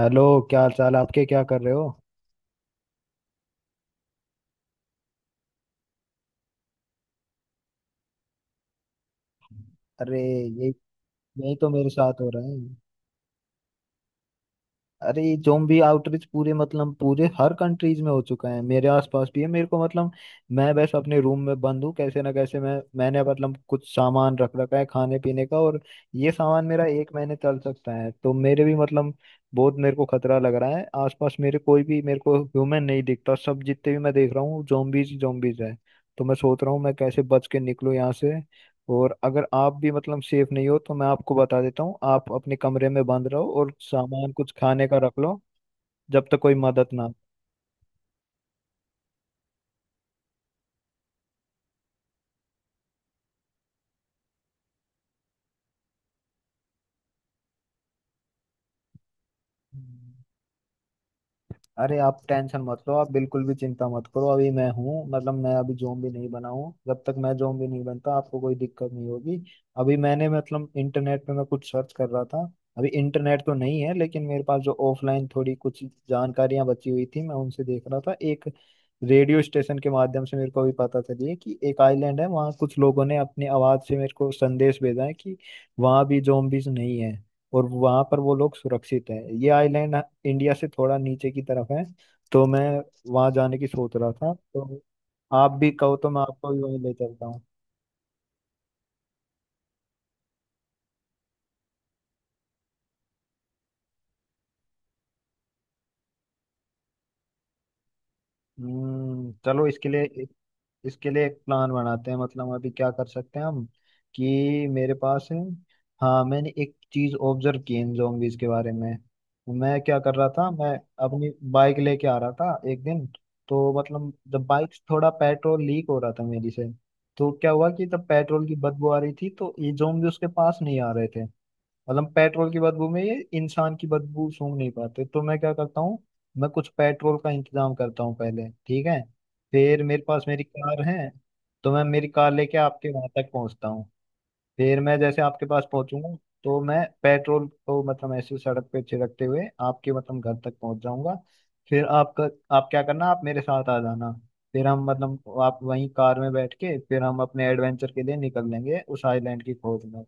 Hello. क्या हाल चाल आपके? क्या कर रहे हो? अरे, यही यही तो मेरे साथ हो रहा है। अरे, ये जोम्बी आउटरीच पूरे हर कंट्रीज में हो चुका है। मेरे आसपास भी है। मेरे को मतलब मैं बस अपने रूम में बंद हूँ। कैसे ना कैसे मैंने मतलब कुछ सामान रख रखा है खाने पीने का, और ये सामान मेरा एक महीने चल सकता है। तो मेरे भी मतलब बहुत मेरे को खतरा लग रहा है। आसपास मेरे कोई भी मेरे को ह्यूमन नहीं दिखता, सब जितने भी मैं देख रहा हूँ जोम्बीज जोम्बीज है। तो मैं सोच रहा हूँ, मैं कैसे बच के निकलूँ यहाँ से। और अगर आप भी मतलब सेफ नहीं हो, तो मैं आपको बता देता हूँ, आप अपने कमरे में बंद रहो, और सामान कुछ खाने का रख लो, जब तक कोई मदद ना आए। अरे, आप टेंशन मत लो, आप बिल्कुल भी चिंता मत करो। अभी मैं हूँ मतलब मैं अभी ज़ॉम्बी नहीं बना हूँ। जब तक मैं ज़ॉम्बी नहीं बनता, आपको कोई दिक्कत नहीं होगी। अभी मैंने मतलब इंटरनेट पे मैं कुछ सर्च कर रहा था। अभी इंटरनेट तो नहीं है, लेकिन मेरे पास जो ऑफलाइन थोड़ी कुछ जानकारियां बची हुई थी, मैं उनसे देख रहा था। एक रेडियो स्टेशन के माध्यम से मेरे को भी पता चली है कि एक आइलैंड है। वहाँ कुछ लोगों ने अपनी आवाज़ से मेरे को संदेश भेजा है कि वहाँ भी ज़ॉम्बीज नहीं है, और वहां पर वो लोग सुरक्षित हैं। ये आइलैंड इंडिया से थोड़ा नीचे की तरफ है। तो मैं वहां जाने की सोच रहा था। तो आप भी कहो तो मैं आपको भी वहीं ले चलता हूँ। हम्म, चलो, इसके लिए इसके लिए एक प्लान बनाते हैं। मतलब अभी क्या कर सकते हैं हम? कि मेरे पास है, हाँ, मैंने एक चीज ऑब्जर्व की इन zombies के बारे में। मैं क्या कर रहा था, मैं अपनी बाइक लेके आ रहा था एक दिन। तो मतलब जब बाइक थोड़ा पेट्रोल लीक हो रहा था मेरी से, तो क्या हुआ कि जब पेट्रोल की बदबू आ रही थी, तो ये जोम्बी उसके पास नहीं आ रहे थे। मतलब पेट्रोल की बदबू में ये इंसान की बदबू सूंघ नहीं पाते। तो मैं क्या करता हूँ, मैं कुछ पेट्रोल का इंतजाम करता हूँ पहले, ठीक है? फिर मेरे पास मेरी कार है। तो मैं मेरी कार लेके आपके वहां तक पहुंचता हूँ। फिर मैं जैसे आपके पास पहुंचूंगा, तो मैं पेट्रोल को मतलब ऐसे सड़क पे छिड़कते हुए आपके मतलब घर तक पहुंच जाऊंगा। फिर आपका आप क्या करना, आप मेरे साथ आ जाना। फिर हम मतलब आप वहीं कार में बैठ के, फिर हम अपने एडवेंचर के लिए निकल लेंगे उस आइलैंड की खोज में।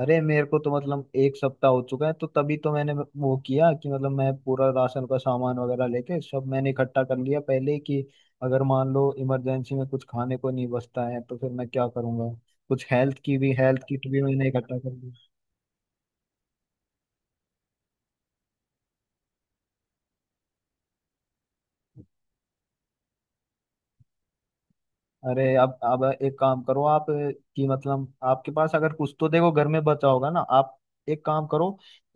अरे, मेरे को तो मतलब एक सप्ताह हो चुका है। तो तभी तो मैंने वो किया कि मतलब मैं पूरा राशन का सामान वगैरह लेके सब मैंने इकट्ठा कर लिया पहले ही, कि अगर मान लो इमरजेंसी में कुछ खाने को नहीं बचता है, तो फिर मैं क्या करूंगा। कुछ हेल्थ किट भी मैंने इकट्ठा कर। अरे अब एक काम करो आप, कि मतलब आपके पास अगर कुछ तो देखो घर में बचा होगा ना। आप एक काम करो,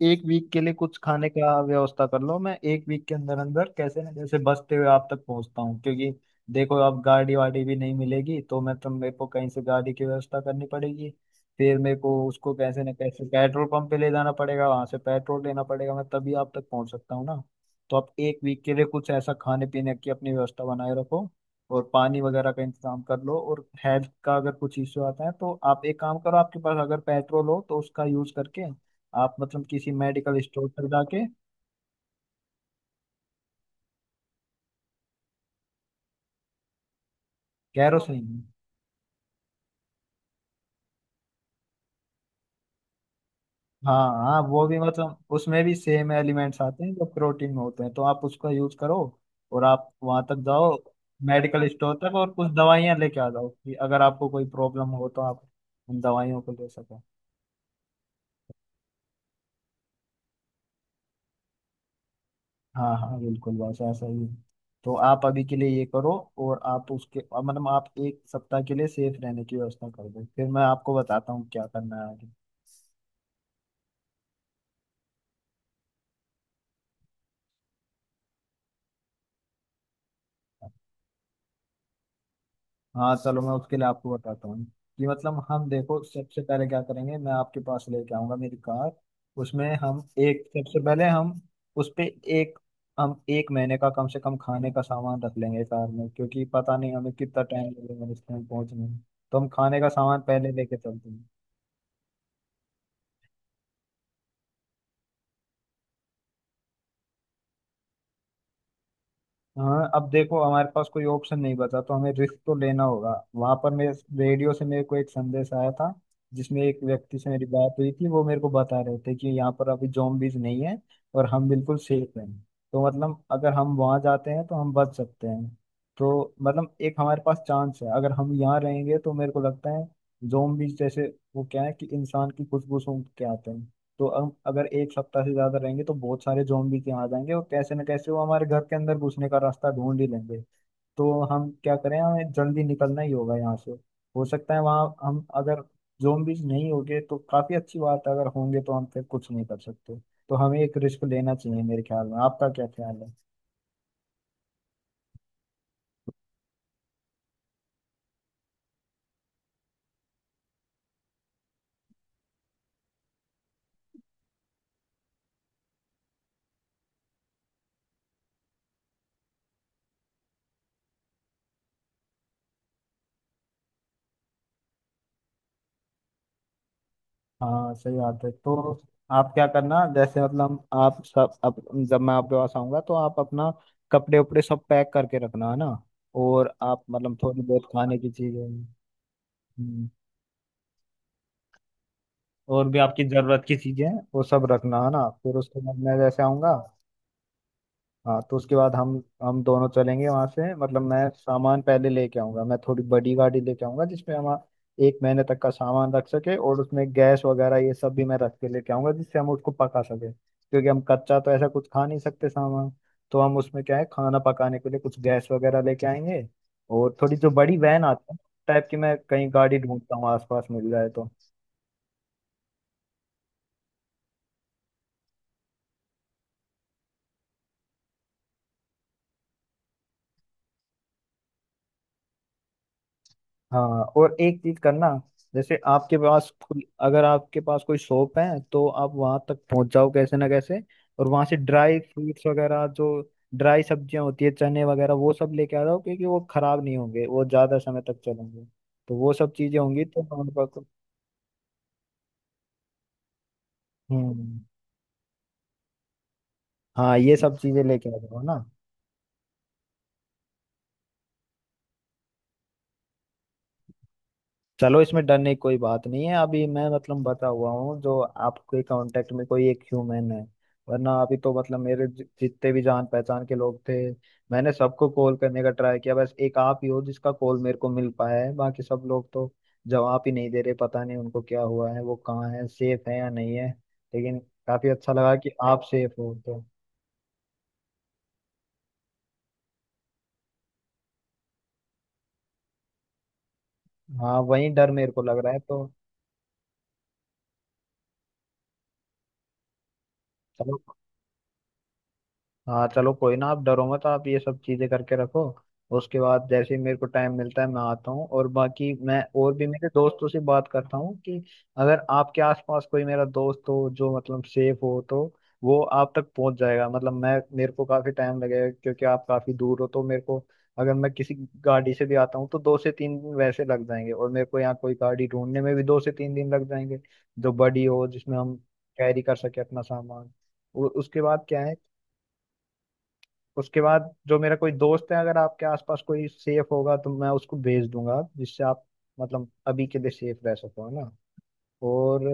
एक वीक के लिए कुछ खाने का व्यवस्था कर लो। मैं एक वीक के अंदर अंदर कैसे ना कैसे बचते हुए आप तक पहुंचता हूँ, क्योंकि देखो अब गाड़ी वाड़ी भी नहीं मिलेगी, तो मैं तो मेरे को कहीं से गाड़ी की व्यवस्था करनी पड़ेगी। फिर मेरे को उसको कैसे ना कैसे पेट्रोल पंप पे ले जाना पड़ेगा, वहां से पेट्रोल लेना पड़ेगा, मैं तभी आप तक पहुंच सकता हूँ ना। तो आप एक वीक के लिए कुछ ऐसा खाने पीने की अपनी व्यवस्था बनाए रखो, और पानी वगैरह का इंतजाम कर लो। और हेल्थ का अगर कुछ इश्यू आता है तो आप एक काम करो, आपके पास अगर पेट्रोल हो तो उसका यूज करके आप मतलब किसी मेडिकल स्टोर पर जाके। कैरोसिन। हाँ हाँ, वो भी मतलब उसमें भी सेम एलिमेंट्स आते हैं जो प्रोटीन में होते हैं, तो आप उसका यूज करो, और आप वहां तक जाओ, मेडिकल स्टोर तक, और कुछ दवाइयाँ लेके आ जाओ, कि अगर आपको कोई प्रॉब्लम हो तो आप उन दवाइयों को ले सको। हाँ हाँ, बिल्कुल, बस ऐसा ही है। तो आप अभी के लिए ये करो, और आप उसके अब मतलब आप एक सप्ताह के लिए सेफ रहने की व्यवस्था कर दो। फिर मैं आपको बताता हूँ क्या करना है आगे। हाँ, चलो, मैं उसके लिए आपको बताता हूँ कि मतलब हम देखो सबसे पहले क्या करेंगे। मैं आपके पास लेके आऊंगा मेरी कार। उसमें हम एक सबसे पहले हम उस पे एक हम एक महीने का कम से कम खाने का सामान रख लेंगे कार में, क्योंकि पता नहीं हमें कितना टाइम लगेगा रेस्टोरेंट पहुंचने में। तो हम खाने का सामान पहले लेके चलते हैं। हाँ, अब देखो हमारे पास कोई ऑप्शन नहीं बचा, तो हमें रिस्क तो लेना होगा। वहां पर मैं रेडियो से मेरे को एक संदेश आया था, जिसमें एक व्यक्ति से मेरी बात हुई थी, वो मेरे को बता रहे थे कि यहाँ पर अभी zombies नहीं है, और हम बिल्कुल सेफ हैं। तो मतलब अगर हम वहां जाते हैं तो हम बच सकते हैं। तो मतलब एक हमारे पास चांस है। अगर हम यहाँ रहेंगे तो मेरे को लगता है zombies जैसे, वो क्या है कि इंसान की खुशबू सूंघ के आते हैं। तो अब अगर एक सप्ताह से ज्यादा रहेंगे तो बहुत सारे जोम्बी के यहाँ जाएंगे, और कैसे न कैसे वो हमारे घर के अंदर घुसने का रास्ता ढूंढ ही लेंगे। तो हम क्या करें, हमें जल्दी निकलना ही होगा यहाँ से। हो सकता है वहाँ हम अगर जोम्बीज नहीं होंगे तो काफी अच्छी बात है, अगर होंगे तो हम फिर कुछ नहीं कर सकते। तो हमें एक रिस्क लेना चाहिए मेरे ख्याल में। आपका क्या ख्याल है? हाँ, सही बात है। तो आप क्या करना, जैसे मतलब आप सब अब जब मैं आपके पास आऊंगा तो आप अपना कपड़े उपड़े सब पैक करके रखना, है ना? और आप मतलब थोड़ी बहुत खाने की चीजें, हम्म, और भी आपकी जरूरत की चीजें हैं, वो सब रखना, है ना? फिर उसके बाद मैं जैसे आऊंगा, हाँ, तो उसके बाद हम दोनों चलेंगे वहां से। मतलब मैं सामान पहले लेके आऊंगा, मैं थोड़ी बड़ी गाड़ी लेके आऊंगा जिसमें हम एक महीने तक का सामान रख सके, और उसमें गैस वगैरह ये सब भी मैं रख के लेके आऊंगा, जिससे हम उसको पका सके, क्योंकि हम कच्चा तो ऐसा कुछ खा नहीं सकते सामान। तो हम उसमें क्या है, खाना पकाने के लिए कुछ गैस वगैरह लेके आएंगे, और थोड़ी जो बड़ी वैन आती है टाइप की, मैं कहीं गाड़ी ढूंढता हूँ आसपास मिल जाए तो। हाँ, और एक चीज करना, जैसे आपके पास कोई अगर आपके पास कोई शॉप है तो आप वहां तक पहुंच जाओ कैसे ना कैसे, और वहां से ड्राई फ्रूट्स वगैरह, जो ड्राई सब्जियां होती है, चने वगैरह, वो सब लेके आ जाओ, क्योंकि वो खराब नहीं होंगे, वो ज्यादा समय तक चलेंगे। तो वो सब चीजें होंगी तो हमारे पास। हम्म, हाँ, ये सब चीजें लेके आ जाओ ना। चलो, इसमें डरने की कोई बात नहीं है, अभी मैं मतलब बता हुआ हूँ, जो आपके कांटेक्ट में कोई एक ह्यूमन है। वरना अभी तो मतलब मेरे जितने भी जान पहचान के लोग थे, मैंने सबको कॉल करने का ट्राई किया। बस एक आप ही हो जिसका कॉल मेरे को मिल पाया है, बाकी सब लोग तो जवाब ही नहीं दे रहे, पता नहीं उनको क्या हुआ है, वो कहाँ है, सेफ है या नहीं है। लेकिन काफी अच्छा लगा कि आप सेफ हो तो। हाँ, वही डर मेरे को लग रहा है तो। हाँ, चलो, कोई ना, आप डरो मत, आप ये सब चीजें करके रखो। उसके बाद जैसे ही मेरे को टाइम मिलता है मैं आता हूँ, और बाकी मैं और भी मेरे दोस्तों से बात करता हूँ कि अगर आपके आसपास कोई मेरा दोस्त हो जो मतलब सेफ हो, तो वो आप तक पहुंच जाएगा। मतलब मैं मेरे को काफी टाइम लगेगा, क्योंकि आप काफी दूर हो, तो मेरे को अगर मैं किसी गाड़ी से भी आता हूँ तो 2 से 3 दिन वैसे लग जाएंगे, और मेरे को यहाँ कोई गाड़ी ढूंढने में भी 2 से 3 दिन लग जाएंगे, जो बड़ी हो, जिसमें हम कैरी कर सके अपना सामान। और उसके बाद क्या है, उसके बाद जो मेरा कोई दोस्त है, अगर आपके आसपास कोई सेफ होगा तो मैं उसको भेज दूंगा, जिससे आप मतलब अभी के लिए सेफ रह सको, है ना? और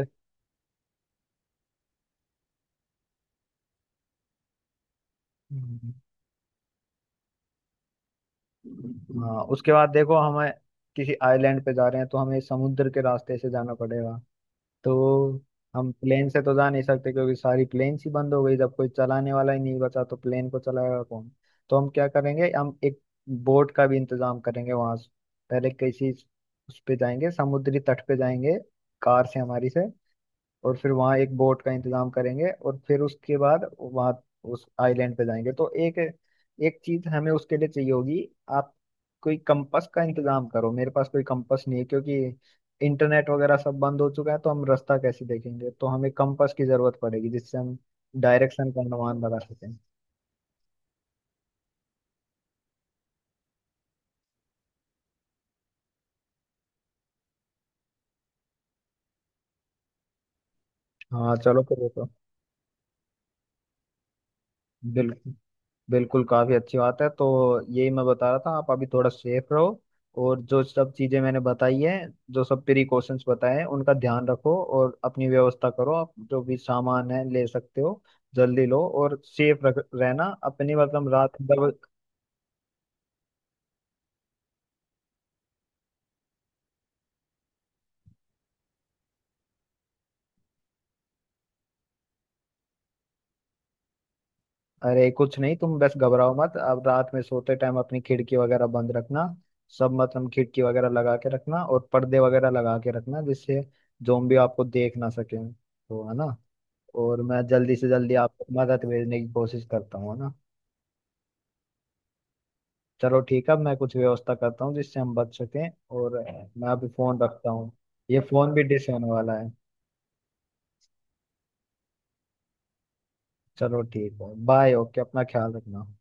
हाँ, उसके बाद देखो, हमें किसी आइलैंड पे जा रहे हैं तो हमें समुद्र के रास्ते से जाना पड़ेगा। तो हम प्लेन से तो जा नहीं सकते, क्योंकि सारी प्लेन्स ही बंद हो गई, जब कोई चलाने वाला ही नहीं बचा तो प्लेन को चलाएगा कौन। तो हम क्या करेंगे, हम एक बोट का भी इंतजाम करेंगे वहां से। पहले किसी उस पे जाएंगे, समुद्री तट पे जाएंगे कार से हमारी से, और फिर वहाँ एक बोट का इंतजाम करेंगे, और फिर उसके बाद वहाँ उस आइलैंड पे जाएंगे। तो एक एक चीज हमें उसके लिए चाहिए होगी। आप कोई कंपास का इंतजाम करो, मेरे पास कोई कंपास नहीं है, क्योंकि इंटरनेट वगैरह सब बंद हो चुका है, तो हम रास्ता कैसे देखेंगे। तो हमें कंपास की जरूरत पड़ेगी, जिससे हम डायरेक्शन का अनुमान लगा सकें। हाँ, चलो, फिर वो तो, बिल्कुल बिल्कुल, काफी अच्छी बात है। तो यही मैं बता रहा था, आप अभी थोड़ा सेफ रहो, और जो सब चीजें मैंने बताई है, जो सब प्रिकॉशंस बताए हैं, उनका ध्यान रखो, और अपनी व्यवस्था करो, आप जो भी सामान है ले सकते हो, जल्दी लो, और सेफ रख रहना अपनी मतलब रात दब। अरे, कुछ नहीं, तुम बस घबराओ मत, अब रात में सोते टाइम अपनी खिड़की वगैरह बंद रखना। सब मतलब खिड़की वगैरह लगा के रखना और पर्दे वगैरह लगा के रखना, जिससे जोम्बी आपको देख ना सके, तो है ना? और मैं जल्दी से जल्दी आपको मदद भेजने की कोशिश करता हूँ, है ना? चलो, ठीक है, अब मैं कुछ व्यवस्था करता हूँ जिससे हम बच सकें, और मैं अभी फोन रखता हूँ। ये फोन भी डिस होने वाला है। चलो ठीक है, बाय, ओके, अपना ख्याल रखना।